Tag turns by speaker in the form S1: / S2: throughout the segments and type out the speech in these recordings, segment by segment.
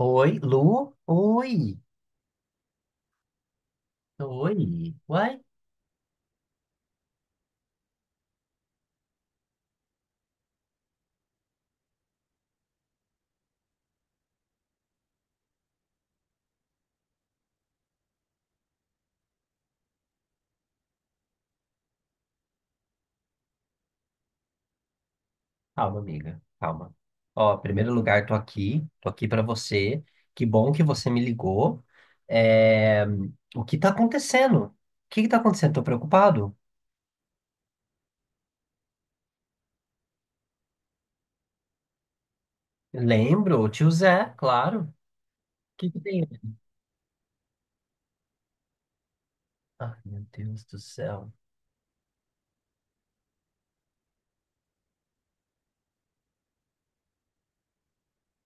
S1: Oi, Lu? Oi! Oi! Uai? Calma, amiga. Calma. Ó, em primeiro lugar, tô aqui. Tô aqui pra você. Que bom que você me ligou. É, O que tá acontecendo? O que que tá acontecendo? Tô preocupado. Lembro, o tio Zé, claro. O que que tem? Ai, meu Deus do céu.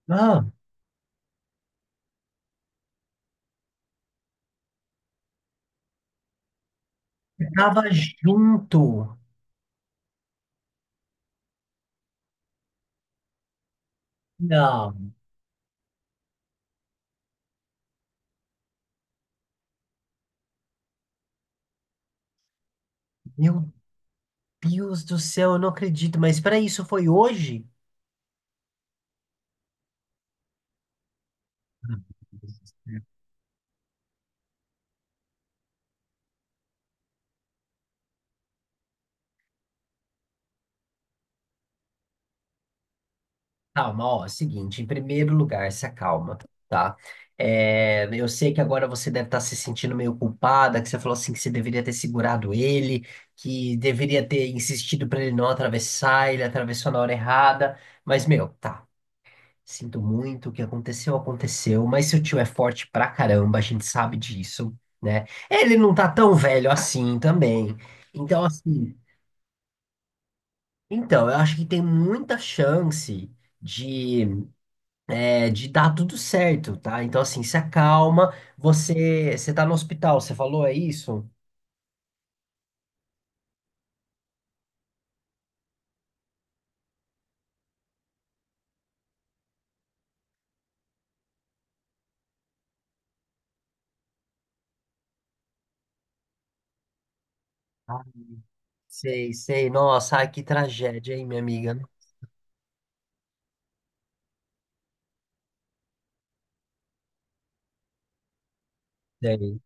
S1: Ah, tava junto. Não, meu Deus do céu, eu não acredito. Mas peraí, isso foi hoje? Calma, ó, é o seguinte, em primeiro lugar, se acalma, tá? É, eu sei que agora você deve estar se sentindo meio culpada, que você falou assim que você deveria ter segurado ele, que deveria ter insistido para ele não atravessar, ele atravessou na hora errada, mas, meu, tá, sinto muito, o que aconteceu, aconteceu, mas seu tio é forte pra caramba, a gente sabe disso, né? Ele não tá tão velho assim também, então, assim, então, eu acho que tem muita chance de... é de dar tudo certo, tá? Então, assim, se acalma. Você, você tá no hospital, você falou, é isso? Ah, sei, sei. Nossa, ai, que tragédia, hein, minha amiga? Sei.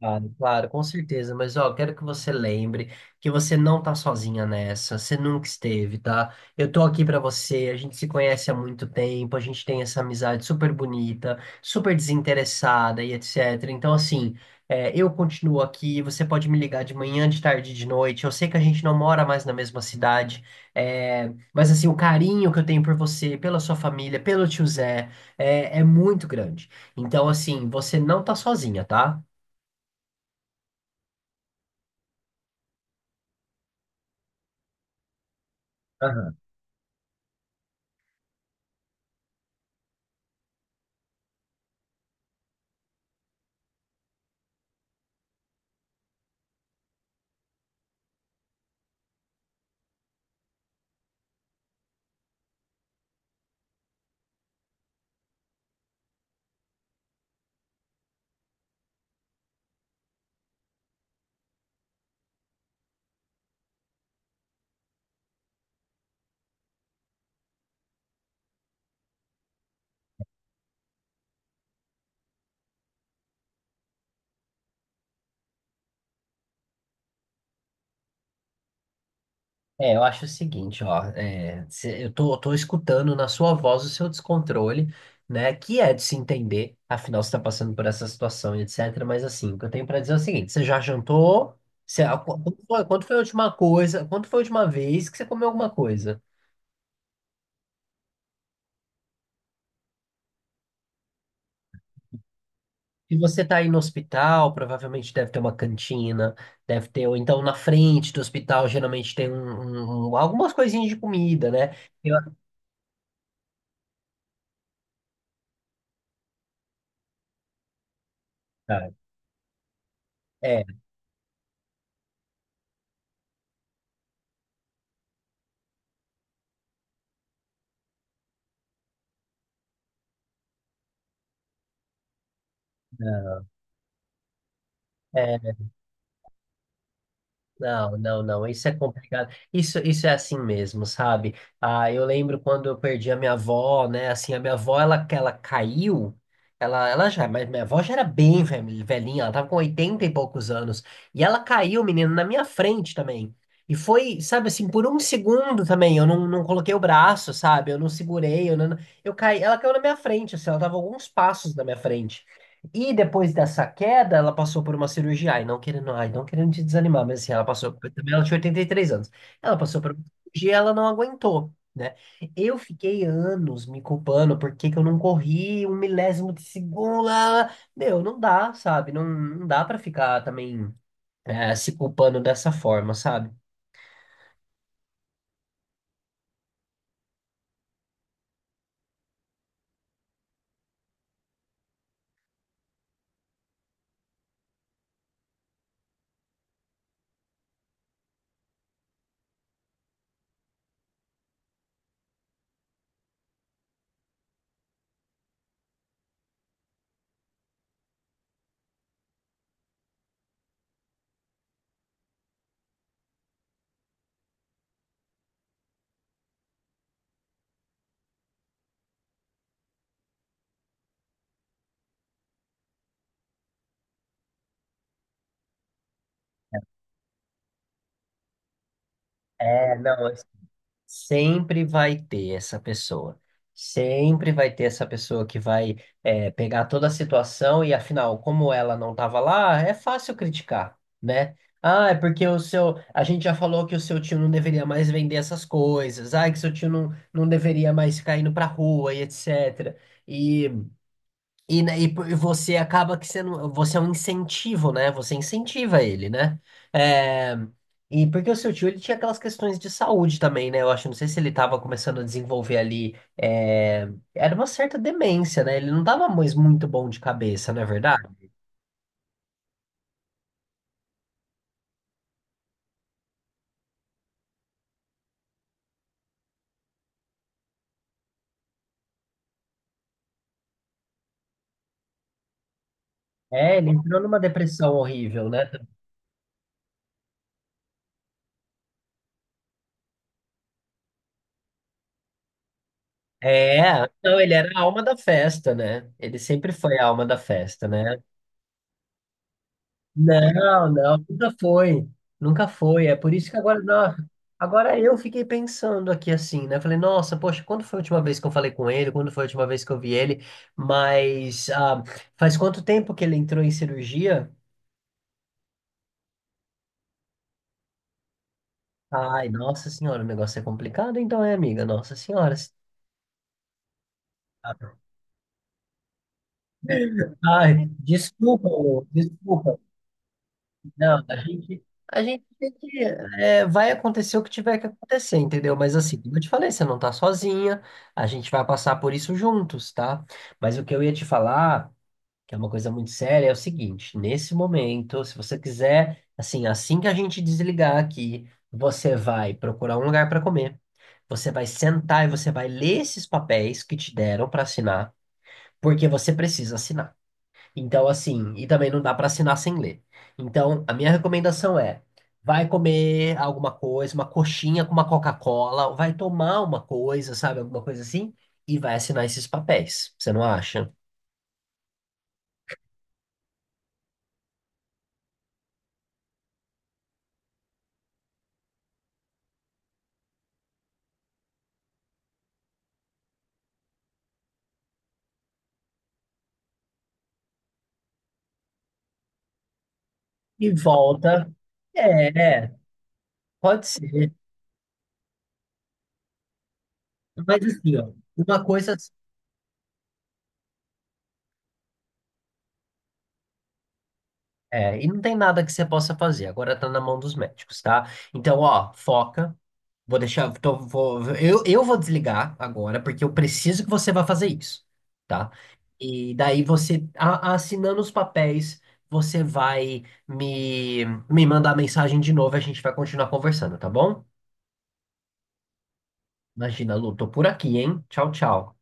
S1: Claro, claro, com certeza. Mas ó, quero que você lembre que você não tá sozinha nessa. Você nunca esteve, tá? Eu tô aqui pra você. A gente se conhece há muito tempo. A gente tem essa amizade super bonita, super desinteressada e etc. Então, assim, eu continuo aqui. Você pode me ligar de manhã, de tarde, de noite. Eu sei que a gente não mora mais na mesma cidade, é, mas assim, o carinho que eu tenho por você, pela sua família, pelo tio Zé, é, é muito grande. Então, assim, você não tá sozinha, tá? É, eu acho o seguinte, ó, é, cê- eu tô escutando na sua voz o seu descontrole, né, que é de se entender, afinal você tá passando por essa situação e etc, mas assim, o que eu tenho pra dizer é o seguinte, você já jantou? Você, a- qu- quando foi a última coisa, quando foi a última vez que você comeu alguma coisa? Se você tá aí no hospital, provavelmente deve ter uma cantina, deve ter, ou então na frente do hospital geralmente tem um, um- um- algumas coisinhas de comida, né? Eu- Ah, é. É, Não, não, não, isso é complicado. Isso é assim mesmo, sabe? Ah, eu lembro quando eu perdi a minha avó, né? Assim, a minha avó, ela caiu, ela já, mas minha avó já era bem velhi- velhinha, ela tava com 80 e poucos anos. E ela caiu, menino, na minha frente também. E foi, sabe assim, por um segundo também, eu não, não coloquei o braço, sabe? Eu não segurei, eu não, eu caí, ela caiu na minha frente, assim, ela tava alguns passos na minha frente. E depois dessa queda, ela passou por uma cirurgia. Ai, não querendo te desanimar, mas assim, ela passou. Também ela tinha 83 anos. Ela passou por uma cirurgia, ela não aguentou, né? Eu fiquei anos me culpando por que que eu não corri um milésimo de segundo. Lá, lá. Meu, não dá, sabe? Não, não dá pra ficar também se culpando dessa forma, sabe? É, não, sempre vai ter essa pessoa. Sempre vai ter essa pessoa que vai pegar toda a situação e, afinal, como ela não estava lá, é fácil criticar, né? Ah, é porque o seu. A gente já falou que o seu tio não deveria mais vender essas coisas. Ah, que seu tio não, não deveria mais ficar indo pra rua e etc. E e, né, e por- e você acaba que sendo, você é um incentivo, né? Você incentiva ele, né? É, e porque o seu tio ele tinha aquelas questões de saúde também, né? Eu acho, não sei se ele estava começando a desenvolver ali, é, era uma certa demência, né? Ele não estava mais muito bom de cabeça, não é verdade? É, ele entrou numa depressão horrível, né? É, não, ele era a alma da festa, né? Ele sempre foi a alma da festa, né? Não, não, nunca foi. Nunca foi. É por isso que agora, nó- agora eu fiquei pensando aqui assim, né? Falei, nossa, poxa, quando foi a última vez que eu falei com ele? Quando foi a última vez que eu vi ele? Mas ah, faz quanto tempo que ele entrou em cirurgia? Ai, nossa senhora, o negócio é complicado, então é, amiga. Nossa senhora. Ai, desculpa, ô, desculpa. Não, a gente é, vai acontecer o que tiver que acontecer, entendeu? Mas assim, como eu te falei, você não tá sozinha, a gente vai passar por isso juntos, tá? Mas o que eu ia te falar, que é uma coisa muito séria, é o seguinte: nesse momento, se você quiser, assim, assim que a gente desligar aqui, você vai procurar um lugar para comer, você vai sentar e você vai ler esses papéis que te deram para assinar, porque você precisa assinar. Então, assim, e também não dá para assinar sem ler. Então, a minha recomendação é: vai comer alguma coisa, uma coxinha com uma Coca-Cola, vai tomar uma coisa, sabe, alguma coisa assim, e vai assinar esses papéis. Você não acha? E volta. É, é, pode ser. Mas assim, ó, uma coisa. É, e não tem nada que você possa fazer, agora tá na mão dos médicos, tá? Então, ó, foca. Vou deixar. Tô, vou, eu vou desligar agora, porque eu preciso que você vá fazer isso, tá? E daí você, a- assinando os papéis, você vai me, me mandar mensagem de novo e a gente vai continuar conversando, tá bom? Imagina, Lu, tô por aqui, hein? Tchau, tchau.